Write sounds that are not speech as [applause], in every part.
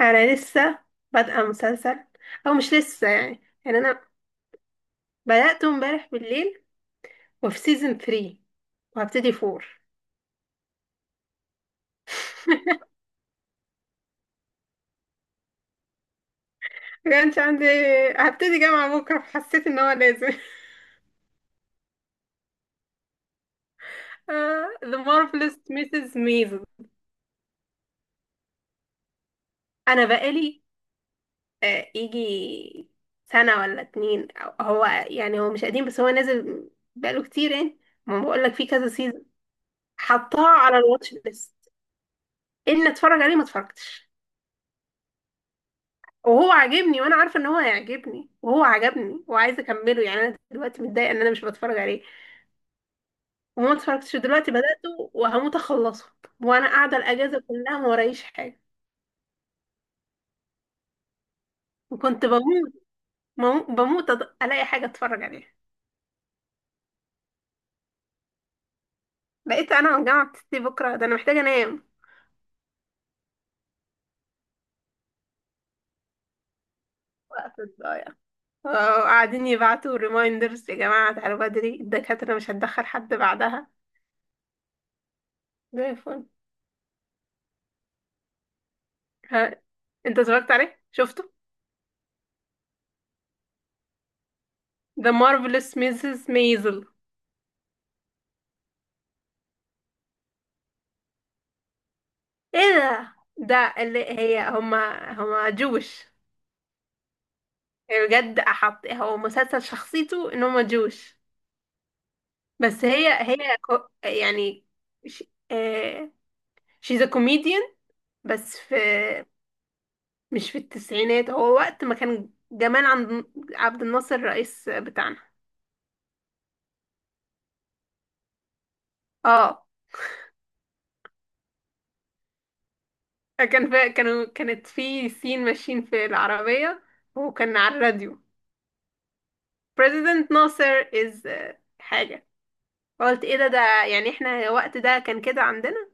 انا لسه بادئه مسلسل. او مش لسه يعني انا بدأته امبارح بالليل، وفي سيزون 3، وهبتدي 4. [laughs] كانش عندي. هبتدي جامعة بكرة فحسيت ان هو لازم. [laughs] The Marvelous Mrs. Maisel. انا بقالي يجي سنة ولا اتنين هو مش قديم، بس هو نازل بقاله كتير يعني. ما بقول لك فيه كذا سيزون. حطاه على الواتش ليست ان اتفرج عليه، ما اتفرجتش. وهو عاجبني، وانا عارفه ان هو هيعجبني، وهو عجبني وعايزه اكمله، يعني انا دلوقتي متضايقه ان انا مش بتفرج عليه، وما اتفرجتش. دلوقتي بداته وهموت اخلصه، وانا قاعده الاجازه كلها ما ورايش حاجه. وكنت بموت، بموت، الاقي حاجه اتفرج عليها. لقيت انا والجامعه بتشتي بكره، ده انا محتاجه انام، وقفت ضايع. قاعدين يبعتوا ريمايندرز، يا جماعه تعالوا بدري الدكاتره مش هتدخل حد بعدها. زي الفل. ها، انت اتفرجت عليه؟ شفته؟ The Marvelous Mrs. Maisel. ايه ده اللي هي هما جوش. هي بجد احط، هو مسلسل شخصيته ان هما جوش، بس هي يعني ش... آه... she's a comedian. بس مش في التسعينات، هو وقت ما كان جمال عبد الناصر الرئيس بتاعنا. اه، كانت في سين، ماشيين في العربية وكان على الراديو. President ناصر is حاجة. قلت ايه ده يعني احنا الوقت ده كان كده عندنا.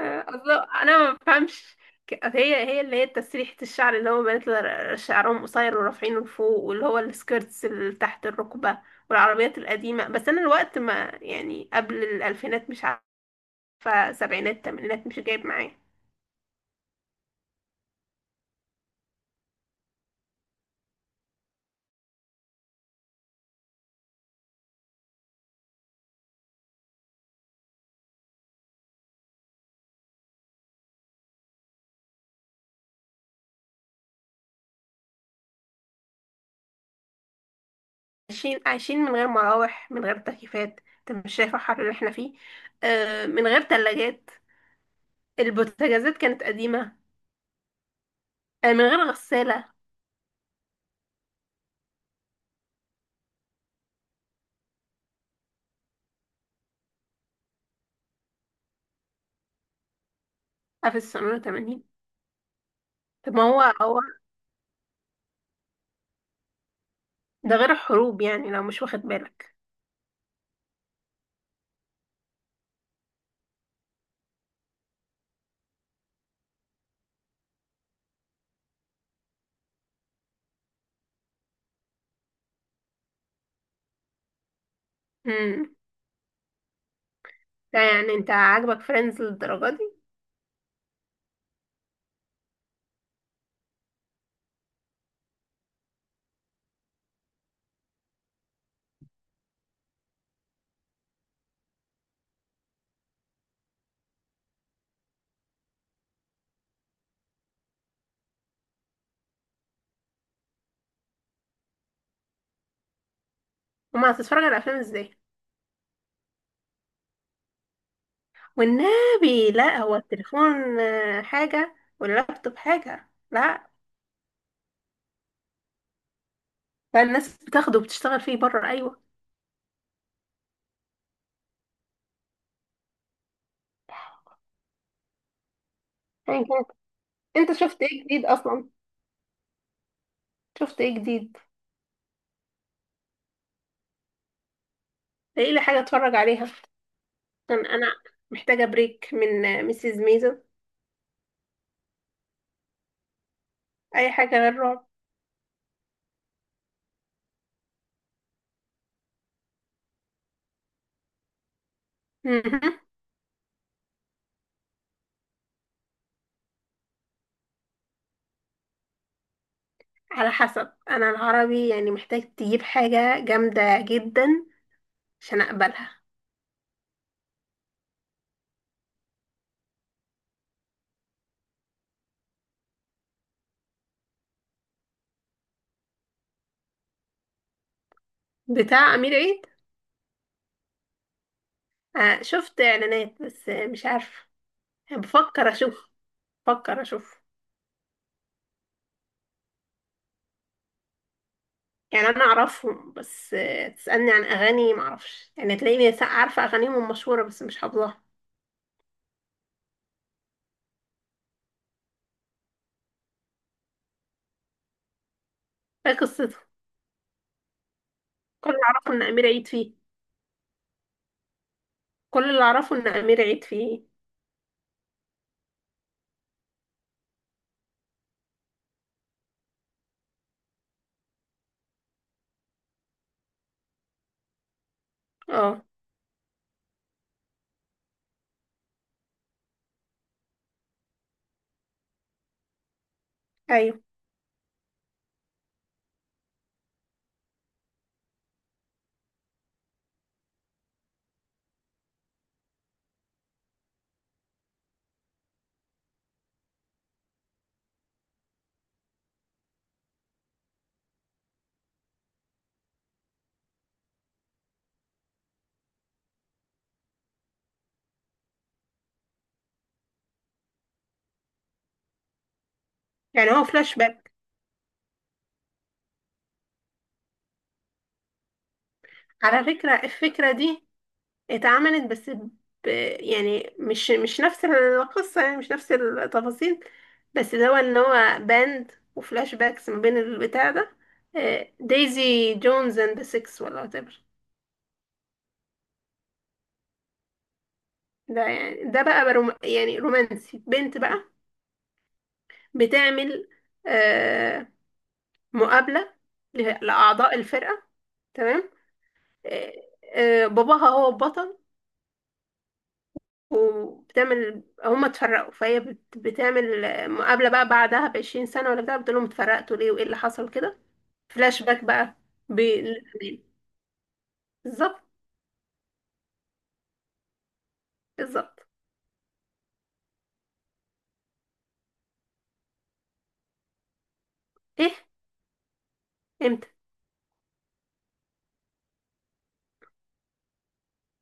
أصلا انا ما بفهمش. هي اللي هي تسريحة الشعر، اللي هو بنات شعرهم قصير ورافعينه لفوق، واللي هو السكيرتس اللي تحت الركبة، والعربيات القديمة. بس انا الوقت ما، يعني قبل الالفينات، مش عارفة سبعينات تمانينات، مش جايب معايا. عايشين عايشين من غير مراوح، من غير تكييفات، انت مش شايف الحر اللي احنا فيه؟ آه، من غير تلاجات. البوتاجازات كانت قديمة. آه، من غير غسالة. آه، في السنة 80. طب ما هو ده غير الحروب، يعني لو مش واخد بالك. امم. ده يعني انت عاجبك فريندز للدرجه دي؟ وما هتتفرج على افلام ازاي؟ والنبي لا، هو التليفون حاجه واللابتوب حاجه، لا. لا، الناس بتاخده وبتشتغل فيه بره. ايوه، أيا كانت. انت شفت ايه جديد اصلا؟ شفت ايه جديد؟ ايه لي حاجه اتفرج عليها؟ عشان انا محتاجه بريك من ميسيز ميزو. اي حاجه غير رعب. مهم. على حسب. انا العربي يعني محتاج تجيب حاجه جامده جدا عشان اقبلها. بتاع امير عيد؟ شفت اعلانات، بس مش عارفه. يعني بفكر اشوف، بفكر اشوف. يعني انا اعرفهم، بس تسالني عن اغاني ما اعرفش، يعني تلاقيني عارفه اغانيهم مشهوره، بس مش حافظاها. ايه قصته؟ كل اللي اعرفه ان امير عيد فيه. كل اللي اعرفه ان امير عيد فيه. اه، ايوه يعني هو فلاش باك. على فكره الفكره دي اتعملت، بس يعني مش نفس القصة، يعني مش نفس التفاصيل، بس اللي هو ان هو باند وفلاش باكس ما بين البتاع ده، دايزي جونز اند ذا سيكس ولا whatever. ده بقى يعني رومانسي، بنت بقى بتعمل آه، مقابلة لأعضاء الفرقة. تمام. آه، باباها هو البطل. وبتعمل هما اتفرقوا، فهي بتعمل مقابلة بقى بعدها بعشرين سنة ولا بتاع، بتقول لهم اتفرقتوا ليه وايه اللي حصل كده. فلاش باك بقى. بالأمان. بالظبط. بالظبط. ايه امتى؟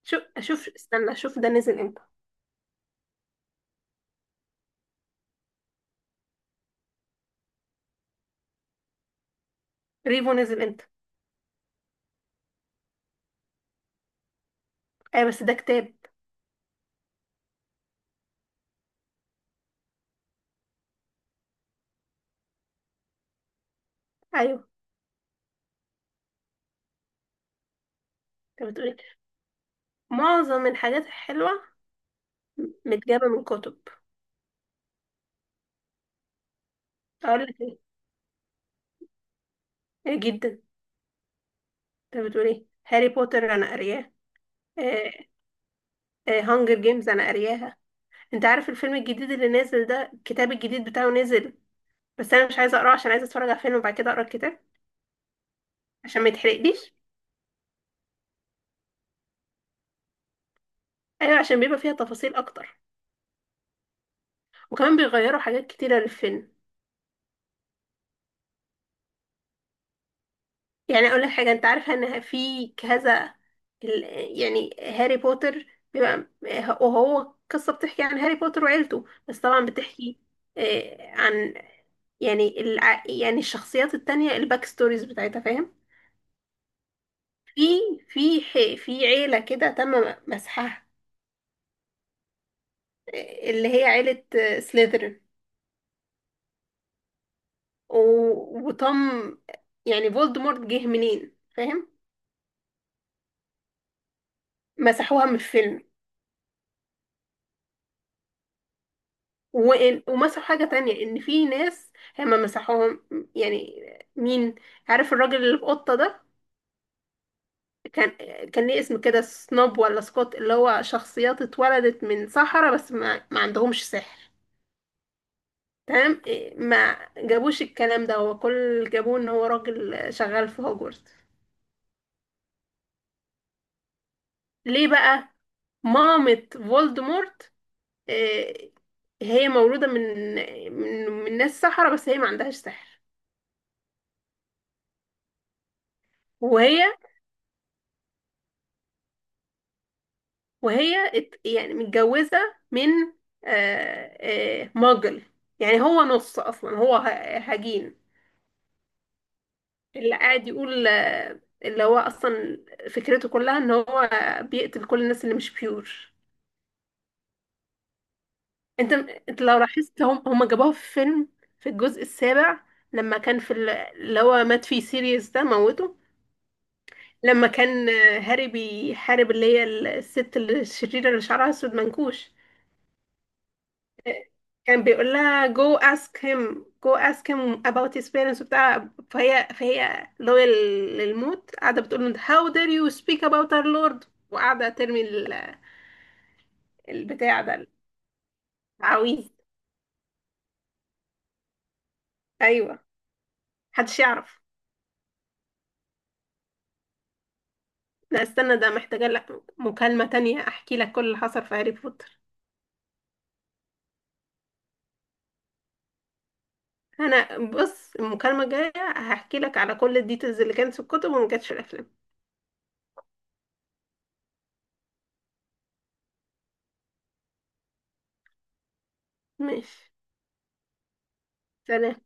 شوف اشوف، استنى اشوف ده نزل امتى. ريفو نزل امتى؟ ايوه، بس ده كتاب. ايوه، انت بتقولي معظم الحاجات الحلوة متجابة من كتب. اقول لك ايه؟ إيه جدا. انت بتقولي هاري بوتر؟ انا قارياه. هانجر جيمز انا قارياها. انت عارف الفيلم الجديد اللي نازل ده؟ الكتاب الجديد بتاعه نزل، بس انا مش عايزه اقراه عشان عايزه اتفرج على الفيلم وبعد كده اقرا الكتاب، عشان ما يتحرقليش. ايوه، عشان بيبقى فيها تفاصيل اكتر. وكمان بيغيروا حاجات كتيره للفيلم. يعني اقول لك حاجه. انت عارفه ان في كذا ال- يعني هاري بوتر، بيبقى وهو قصه بتحكي عن هاري بوتر وعيلته، بس طبعا بتحكي عن، يعني يعني الشخصيات التانية، الباك ستوريز بتاعتها، فاهم؟ في في عيله كده تم مسحها، اللي هي عيلة سليذرين. وطم، يعني فولدمورت جه منين، فاهم؟ مسحوها من الفيلم. و... ومسحوا حاجة تانية، ان في ناس هما مسحوهم. يعني مين؟ عارف الراجل اللي في قطة ده؟ كان كان ليه اسم كده سنوب ولا سكوت، اللي هو شخصيات اتولدت من سحرة بس ما عندهمش سحر. تمام إيه، ما جابوش الكلام ده. هو كل اللي جابوه ان هو راجل شغال في هوجورت. ليه بقى؟ مامة فولدمورت آه، هي مولودة من ناس سحرة، بس هي ما عندهاش سحر. وهي وهي يعني متجوزة من آه، ماجل. يعني هو نص أصلا، هو هجين. اللي قاعد يقول اللي هو أصلا فكرته كلها إن هو بيقتل كل الناس اللي مش بيور. انت انت لو لاحظت، هم جابوها في فيلم، في الجزء السابع، لما كان في اللي هو مات فيه سيريوس ده موته. لما كان هاري بيحارب اللي هي الست الشريرة اللي شعرها اسود منكوش، كان بيقول لها go ask him go ask him about his parents وبتاع، فهي لويال للموت، قاعدة بتقول له how dare you speak about our lord، وقاعدة ترمي البتاع ده، العويذ. ايوه، محدش يعرف. لا، استنى، ده محتاجة لك مكالمة تانية احكي لك كل اللي حصل في هاري بوتر. انا بص، المكالمة الجاية هحكي لك على كل الديتيلز اللي كانت في الكتب وما كانتش في الافلام. ماشي. سلام.